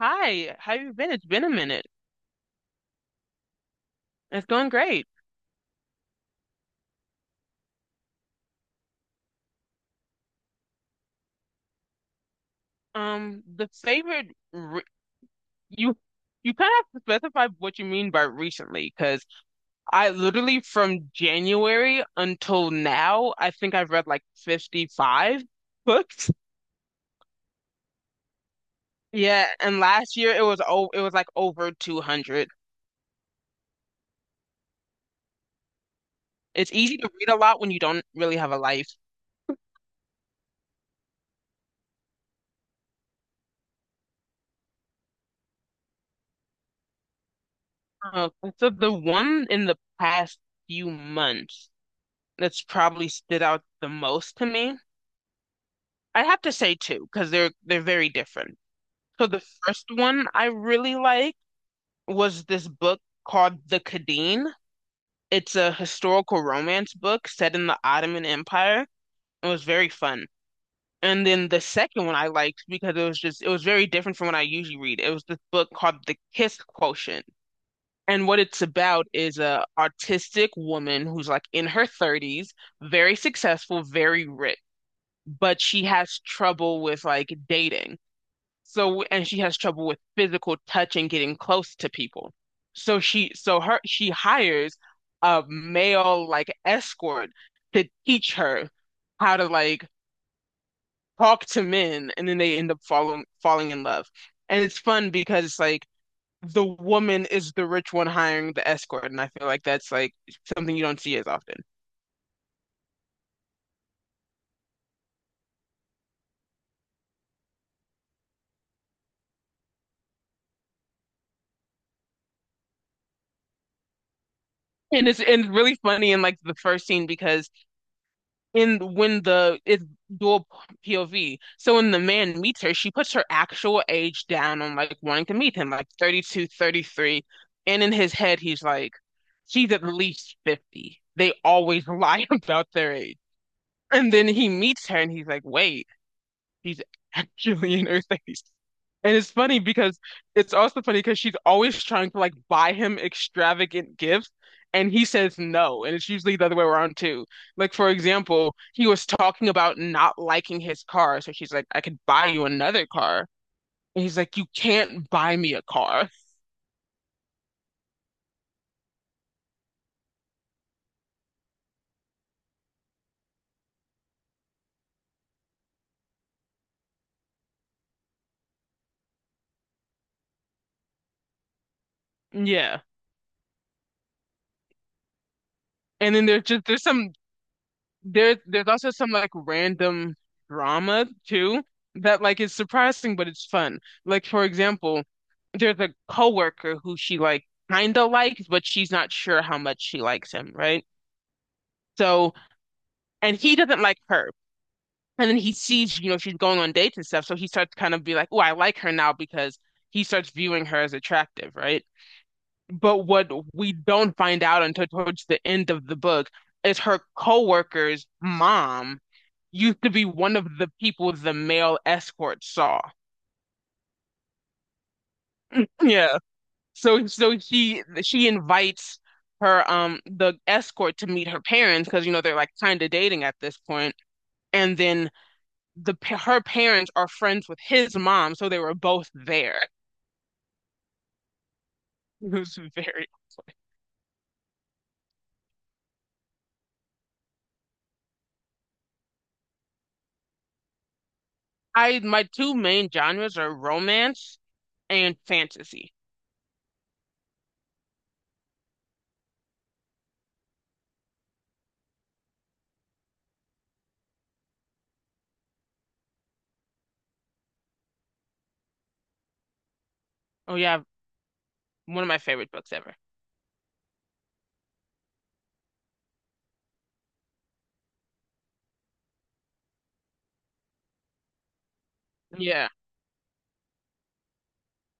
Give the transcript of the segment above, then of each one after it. Hi, how you been? It's been a minute. It's going great. The favorite re you you kind of have to specify what you mean by recently, because I literally from January until now, I think I've read like 55 books. Yeah, and last year it was like over 200. It's easy to read a lot when you don't really have a life. Uh, so the one in the past few months that's probably stood out the most to me, I have to say two because they're very different. So the first one I really liked was this book called The Khedive. It's a historical romance book set in the Ottoman Empire. It was very fun. And then the second one I liked because it was very different from what I usually read. It was this book called The Kiss Quotient. And what it's about is a artistic woman who's like in her 30s, very successful, very rich, but she has trouble with like dating. So, and she has trouble with physical touch and getting close to people. So she hires a male like escort to teach her how to like talk to men, and then they end up falling in love. And it's fun because it's like the woman is the rich one hiring the escort, and I feel like that's like something you don't see as often. And it's really funny in like the first scene because in when the it's dual POV. So when the man meets her, she puts her actual age down on like wanting to meet him, like 32, 33. And in his head, he's like, she's at least 50. They always lie about their age. And then he meets her and he's like, wait, she's actually in her 30s. And it's funny because It's also funny because she's always trying to like buy him extravagant gifts and he says no. And it's usually the other way around too. Like for example, he was talking about not liking his car. So she's like, I could buy you another car. And he's like, you can't buy me a car. Yeah. And then there's some. There's also some like random drama too that like is surprising, but it's fun. Like for example, there's a coworker who she like kind of likes, but she's not sure how much she likes him, right? So, and he doesn't like her. And then he sees, she's going on dates and stuff, so he starts to kind of be like, "Oh, I like her now," because he starts viewing her as attractive, right? But what we don't find out until towards the end of the book is her coworker's mom used to be one of the people the male escort saw. Yeah. So she invites her the escort to meet her parents because they're like kind of dating at this point. And then her parents are friends with his mom, so they were both there. It was very awkward. I my two main genres are romance and fantasy. Oh yeah, one of my favorite books ever. Yeah.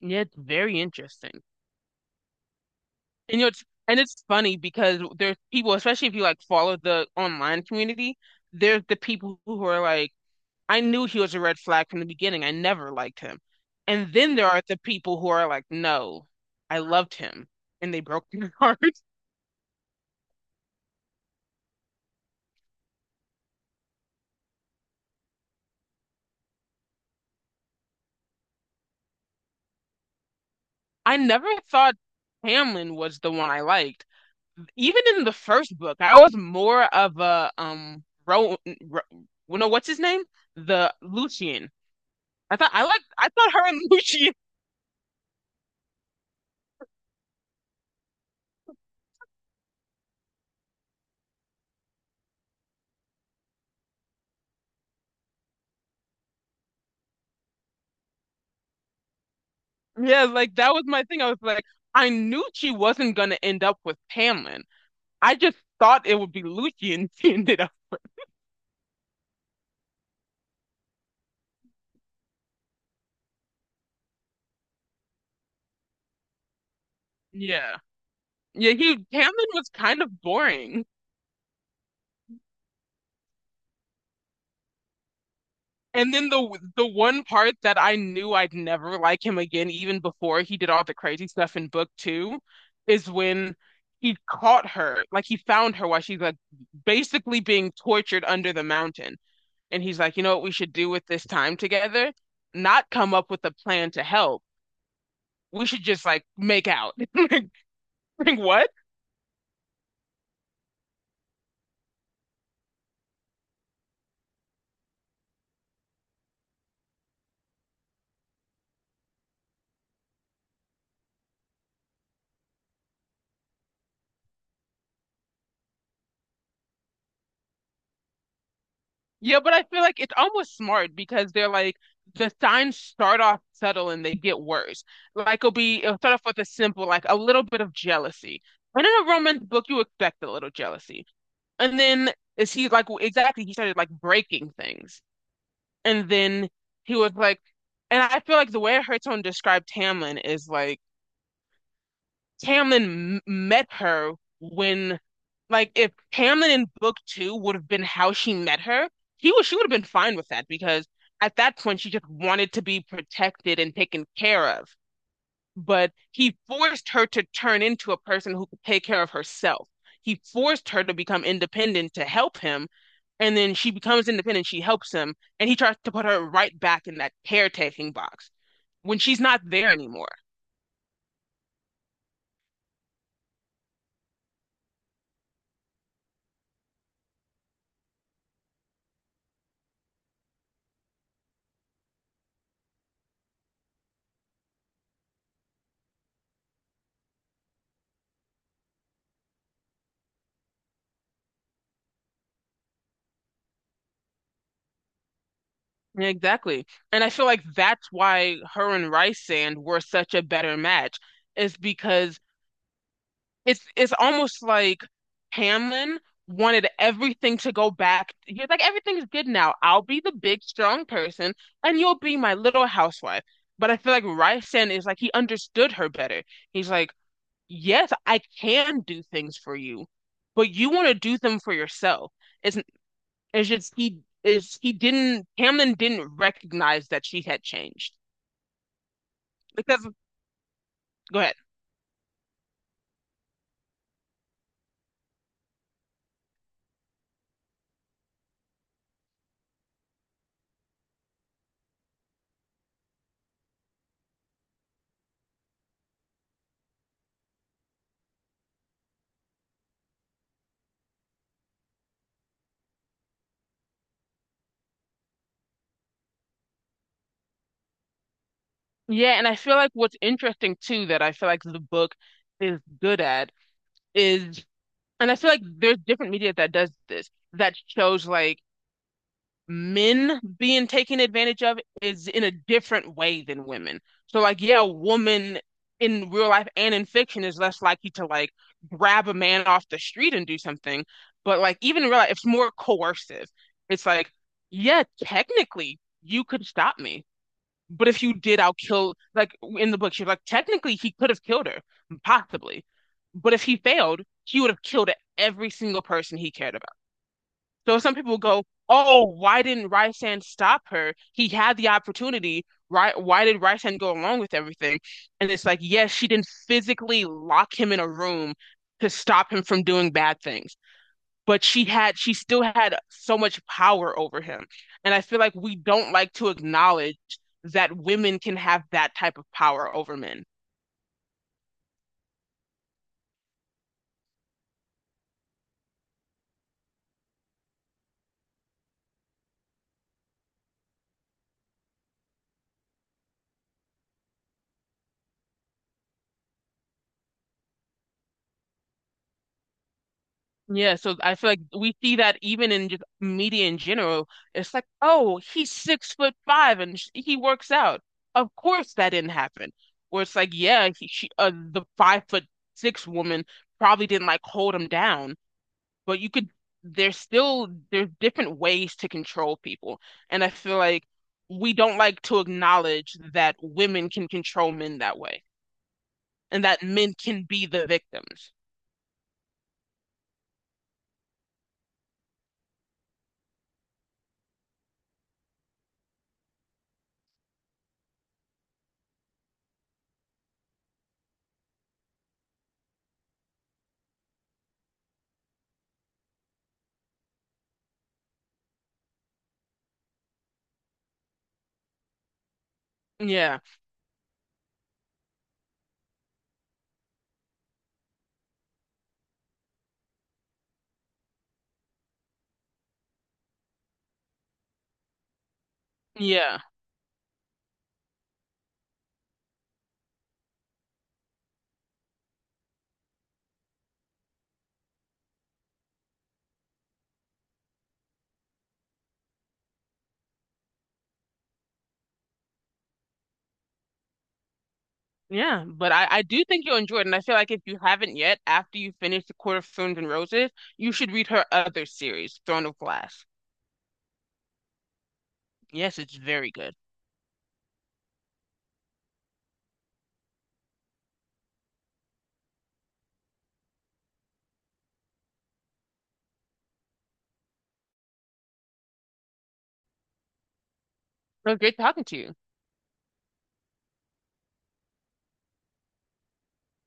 Yeah, it's very interesting. And it's funny because there's people, especially if you like follow the online community, there's the people who are like, I knew he was a red flag from the beginning. I never liked him. And then there are the people who are like, no, I loved him and they broke my heart. I never thought Hamlin was the one I liked. Even in the first book, I was more of a Ro, Ro well, no, what's his name? The Lucian. I thought her and Lucian. Yeah, like that was my thing. I was like, I knew she wasn't gonna end up with Tamlin. I just thought it would be Lucci and she ended up. Yeah. Yeah, he Tamlin was kind of boring. And then the one part that I knew I'd never like him again, even before he did all the crazy stuff in book two, is when he caught her. Like he found her while she's like basically being tortured under the mountain. And he's like, you know what we should do with this time together? Not come up with a plan to help, we should just like make out. like, what? Yeah, but I feel like it's almost smart because the signs start off subtle and they get worse. Like it'll start off with a simple like a little bit of jealousy. And in a romance book, you expect a little jealousy. And then is he like exactly, he started like breaking things. And then he was like, and I feel like the way her tone described Tamlin is like Tamlin met her when, like, if Tamlin in book two would have been how she met her, he was she would have been fine with that because at that point she just wanted to be protected and taken care of. But he forced her to turn into a person who could take care of herself. He forced her to become independent to help him, and then she becomes independent. She helps him, and he tries to put her right back in that caretaking box when she's not there anymore. Yeah, exactly. And I feel like that's why her and Rice were such a better match, is because it's almost like Hamlin wanted everything to go back. He's like, everything's good now. I'll be the big, strong person, and you'll be my little housewife. But I feel like Rice is like he understood her better. He's like, yes, I can do things for you, but you want to do them for yourself. It's it's just he is he didn't Hamlin didn't recognize that she had changed because Go ahead. Yeah, and I feel like what's interesting too that I feel like the book is good at is, and I feel like there's different media that does this that shows like men being taken advantage of is in a different way than women. So like yeah, a woman in real life and in fiction is less likely to like grab a man off the street and do something. But like even in real life, it's more coercive. It's like, yeah, technically you could stop me. But if you did, I'll kill like in the book, she's like, technically he could have killed her, possibly. But if he failed, he would have killed every single person he cared. So some people go, "Oh, why didn't Rysand stop her? He had the opportunity. Why did Rysand go along with everything?" And it's like, yes, she didn't physically lock him in a room to stop him from doing bad things, but she still had so much power over him. And I feel like we don't like to acknowledge that women can have that type of power over men. Yeah, so I feel like we see that even in just media in general. It's like, oh, he's six foot five and sh he works out. Of course that didn't happen. Where it's like, yeah, the five foot six woman probably didn't like hold him down, but you could, there's different ways to control people. And I feel like we don't like to acknowledge that women can control men that way and that men can be the victims. Yeah, yeah, yeah. But I do think you'll enjoy it. And I feel like if you haven't yet, after you finish The Court of Thorns and Roses, you should read her other series, Throne of Glass. Yes, it's very good. It was great talking to you.